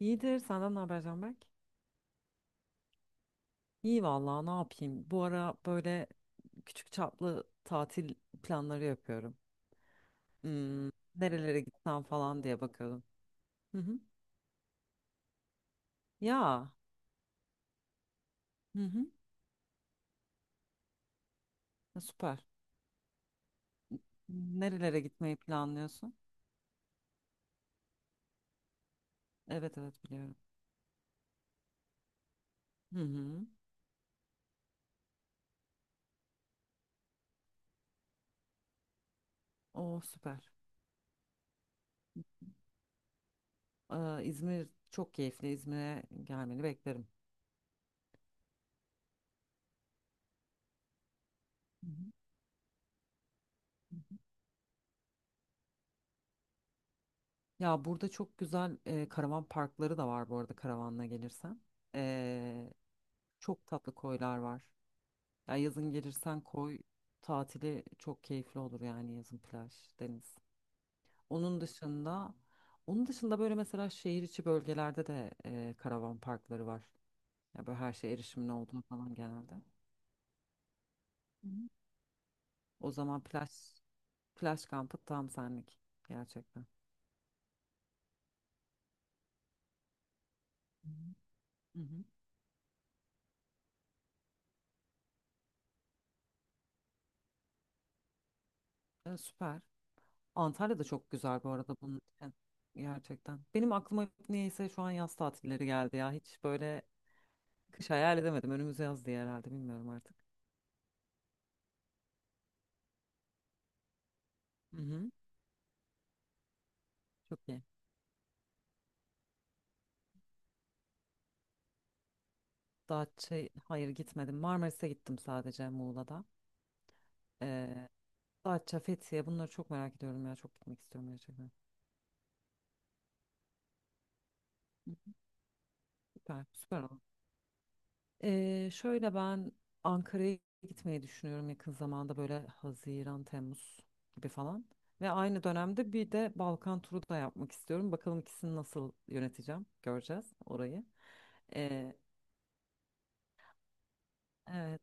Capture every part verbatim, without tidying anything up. İyidir. Senden ne haber Canberk? İyi vallahi ne yapayım? Bu ara böyle küçük çaplı tatil planları yapıyorum. Hmm, nerelere gitsem falan diye bakıyorum. Hı hı. Ya. Hı hı. Ya süper. Nerelere gitmeyi planlıyorsun? Evet evet biliyorum. Hı hı. O süper. Ee, İzmir çok keyifli. İzmir'e gelmeni beklerim. Hı hı. Ya burada çok güzel e, karavan parkları da var bu arada karavanla gelirsen. Ee, çok tatlı koylar var. Ya yazın gelirsen koy tatili çok keyifli olur yani yazın plaj, deniz. Onun dışında onun dışında böyle mesela şehir içi bölgelerde de e, karavan parkları var. Ya böyle her şey erişimin olduğu falan genelde. Hı hı. O zaman plaj plaj kampı tam senlik gerçekten. Hı hı. Hı hı. E, süper. Antalya da çok güzel bu arada bunun için. Gerçekten. Benim aklıma hep niyeyse şu an yaz tatilleri geldi ya. Hiç böyle kış hayal edemedim. Önümüz yaz diye herhalde bilmiyorum artık. Hı hı. Çok iyi. Datça, hayır gitmedim. Marmaris'e gittim sadece Muğla'da. Ee, Datça, Fethiye bunları çok merak ediyorum ya. Çok gitmek istiyorum gerçekten. Süper, süper olur. Ee, şöyle ben Ankara'ya gitmeyi düşünüyorum yakın zamanda böyle Haziran, Temmuz gibi falan. Ve aynı dönemde bir de Balkan turu da yapmak istiyorum. Bakalım ikisini nasıl yöneteceğim. Göreceğiz orayı. Ee, evet.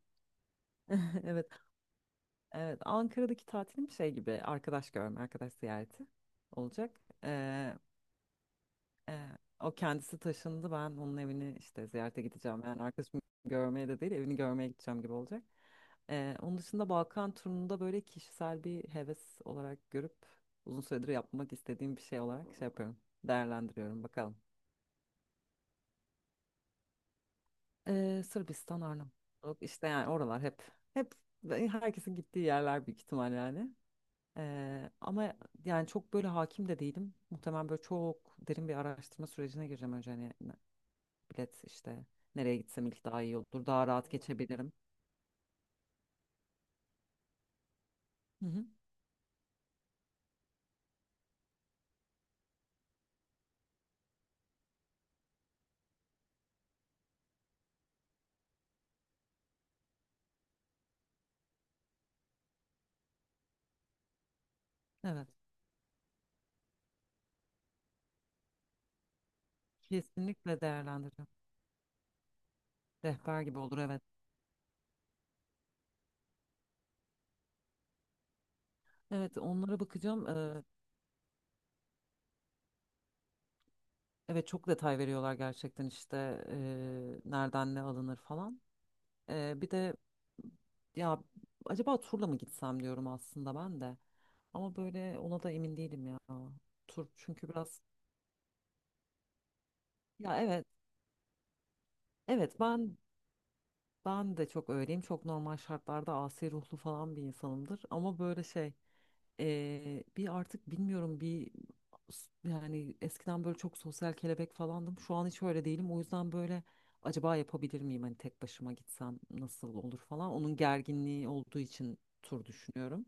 Evet. Evet, Ankara'daki tatilim şey gibi arkadaş görme, arkadaş ziyareti olacak. Ee, e, o kendisi taşındı. Ben onun evini işte ziyarete gideceğim. Yani arkadaşımı görmeye de değil, evini görmeye gideceğim gibi olacak. Ee, onun dışında Balkan turunda böyle kişisel bir heves olarak görüp uzun süredir yapmak istediğim bir şey olarak şey yapıyorum. Değerlendiriyorum bakalım. Ee, Sırbistan, Arnavutluk işte yani oralar hep hep herkesin gittiği yerler büyük ihtimal yani. Eee, ama yani çok böyle hakim de değilim. Muhtemelen böyle çok derin bir araştırma sürecine gireceğim önce hani ne- bilet işte nereye gitsem ilk daha iyi olur, daha rahat geçebilirim. Hı hı, evet, kesinlikle değerlendireceğim. Rehber gibi olur evet. Evet, onlara bakacağım. Eee, evet çok detay veriyorlar gerçekten işte eee, nereden ne alınır falan. Eee, bir de ya acaba turla mı gitsem diyorum aslında ben de. Ama böyle ona da emin değilim ya. Tur çünkü biraz, ya evet. Evet ben ben de çok öyleyim. Çok normal şartlarda asi ruhlu falan bir insanımdır. Ama böyle şey eee, bir artık bilmiyorum bir s- yani eskiden böyle çok sosyal kelebek falandım. Şu an hiç öyle değilim. O yüzden böyle acaba yapabilir miyim? Hani tek başıma gitsem nasıl olur falan. Onun gerginliği olduğu için tur düşünüyorum.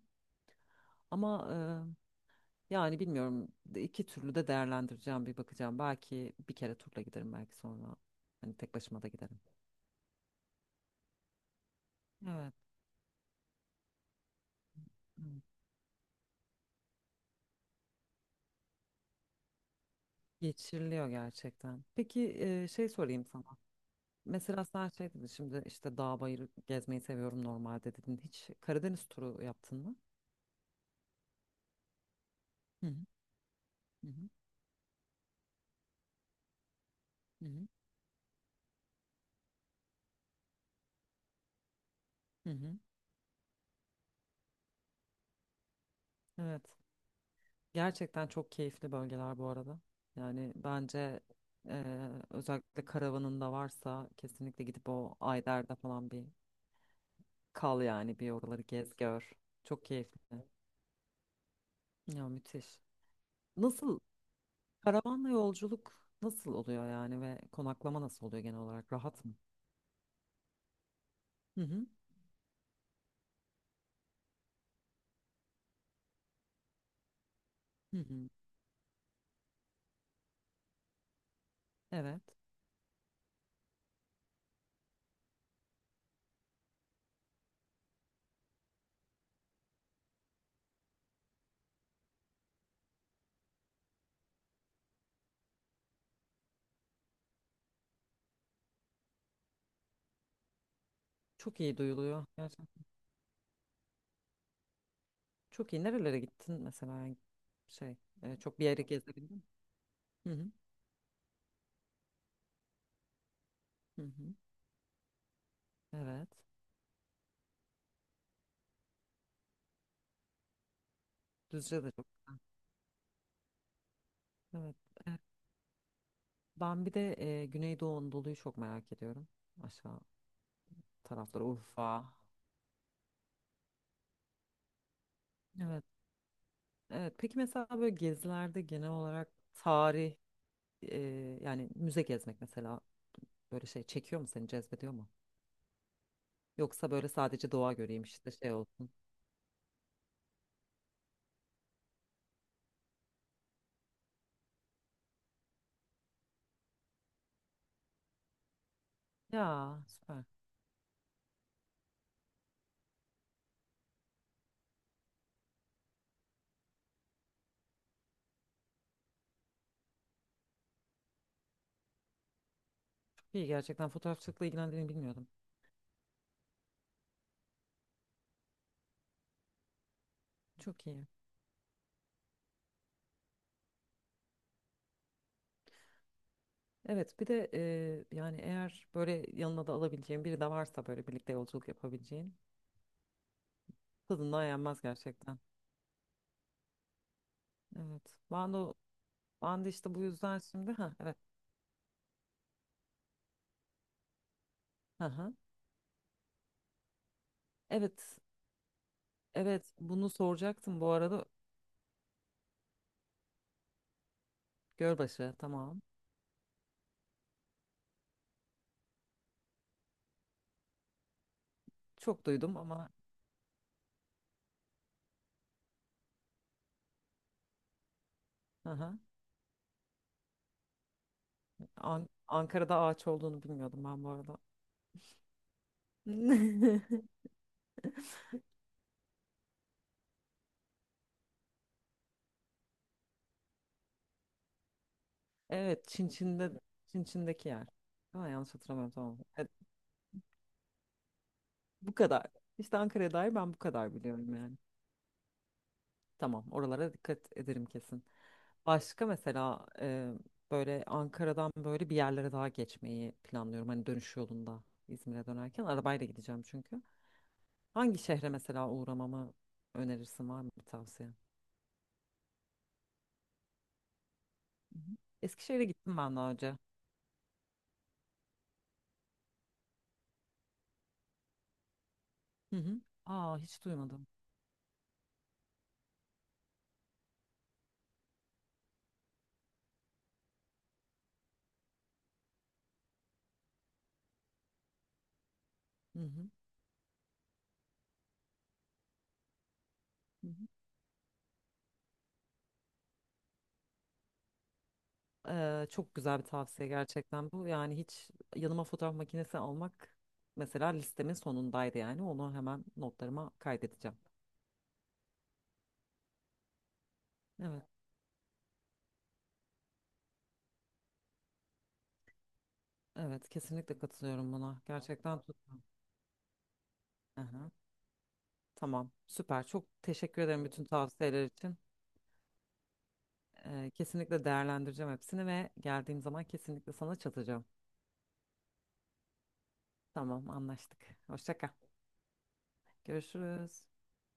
Ama eee, yani bilmiyorum de- iki türlü de değerlendireceğim bir bakacağım. Belki bir kere turla giderim belki sonra hani tek başıma da giderim. Evet. Geçiriliyor gerçekten. Peki e, şey sorayım sana. Mesela sen şey dedin şimdi işte dağ bayır gezmeyi seviyorum normalde dedin. Hiç Karadeniz turu yaptın mı? Hı hı, hı hı, hı hı, hı. Evet. Gerçekten çok keyifli bölgeler bu arada. Yani bence e, özellikle karavanın da varsa kesinlikle gidip o Ayder'de falan bir kal yani bir oraları gez gör. Çok keyifli. Ya müthiş. Nasıl karavanla yolculuk nasıl oluyor yani ve konaklama nasıl oluyor genel olarak? Rahat mı? Hı hı. Hı hı. Evet. Çok iyi duyuluyor gerçekten. Çok iyi. Nerelere gittin mesela? Yani şey, e, çok bir yere gezebildin mi? Hı hı. Hı hı. Evet. Düzce de çok güzel. Evet. E, ben bir de e, Güneydoğu Anadolu'yu çok merak ediyorum. Aşağı tarafları Urfa. Evet. Evet. Peki mesela böyle gezilerde genel olarak tarih, e, yani müze gezmek mesela böyle şey çekiyor mu seni cezbediyor mu? Yoksa böyle sadece doğa göreyim işte şey olsun. Ya süper. İyi gerçekten fotoğrafçılıkla ilgilendiğini bilmiyordum. Çok iyi. Evet bir de e, yani eğer böyle yanına da alabileceğin biri de varsa böyle birlikte yolculuk yapabileceğin tadından yenmez gerçekten. Evet. Ben de, o- ben de işte bu yüzden şimdi ha evet. Hı hı. Evet. Evet bunu soracaktım bu arada. Gölbaşı tamam. Çok duydum ama hı hı. An- Ankara'da ağaç olduğunu bilmiyordum ben bu arada. Evet, Çin Çin'de Çin Çin'deki yer. Ama yanlış hatırlamıyorum tamam. Evet, bu kadar. İşte Ankara'ya dair ben bu kadar biliyorum yani. Tamam, oralara dikkat ederim kesin. Başka mesela e, böyle Ankara'dan böyle bir yerlere daha geçmeyi planlıyorum. Hani dönüş yolunda İzmir'e dönerken arabayla gideceğim çünkü. Hangi şehre mesela uğramamı önerirsin var mı bir tavsiye? Hı hı. Eskişehir'e gittim ben daha önce. Hı hı. Aa hiç duymadım. Hı hı. Hı hı. Ee, çok güzel bir tavsiye gerçekten bu. Yani hiç yanıma fotoğraf makinesi almak mesela listemin sonundaydı yani. Onu hemen notlarıma kaydedeceğim. Evet, evet kesinlikle katılıyorum buna. Gerçekten tuttum. Aha, tamam, süper. Çok teşekkür ederim bütün tavsiyeler için. Ee, kesinlikle değerlendireceğim hepsini ve geldiğim zaman kesinlikle sana çatacağım. Tamam, anlaştık. Hoşça kal. Görüşürüz.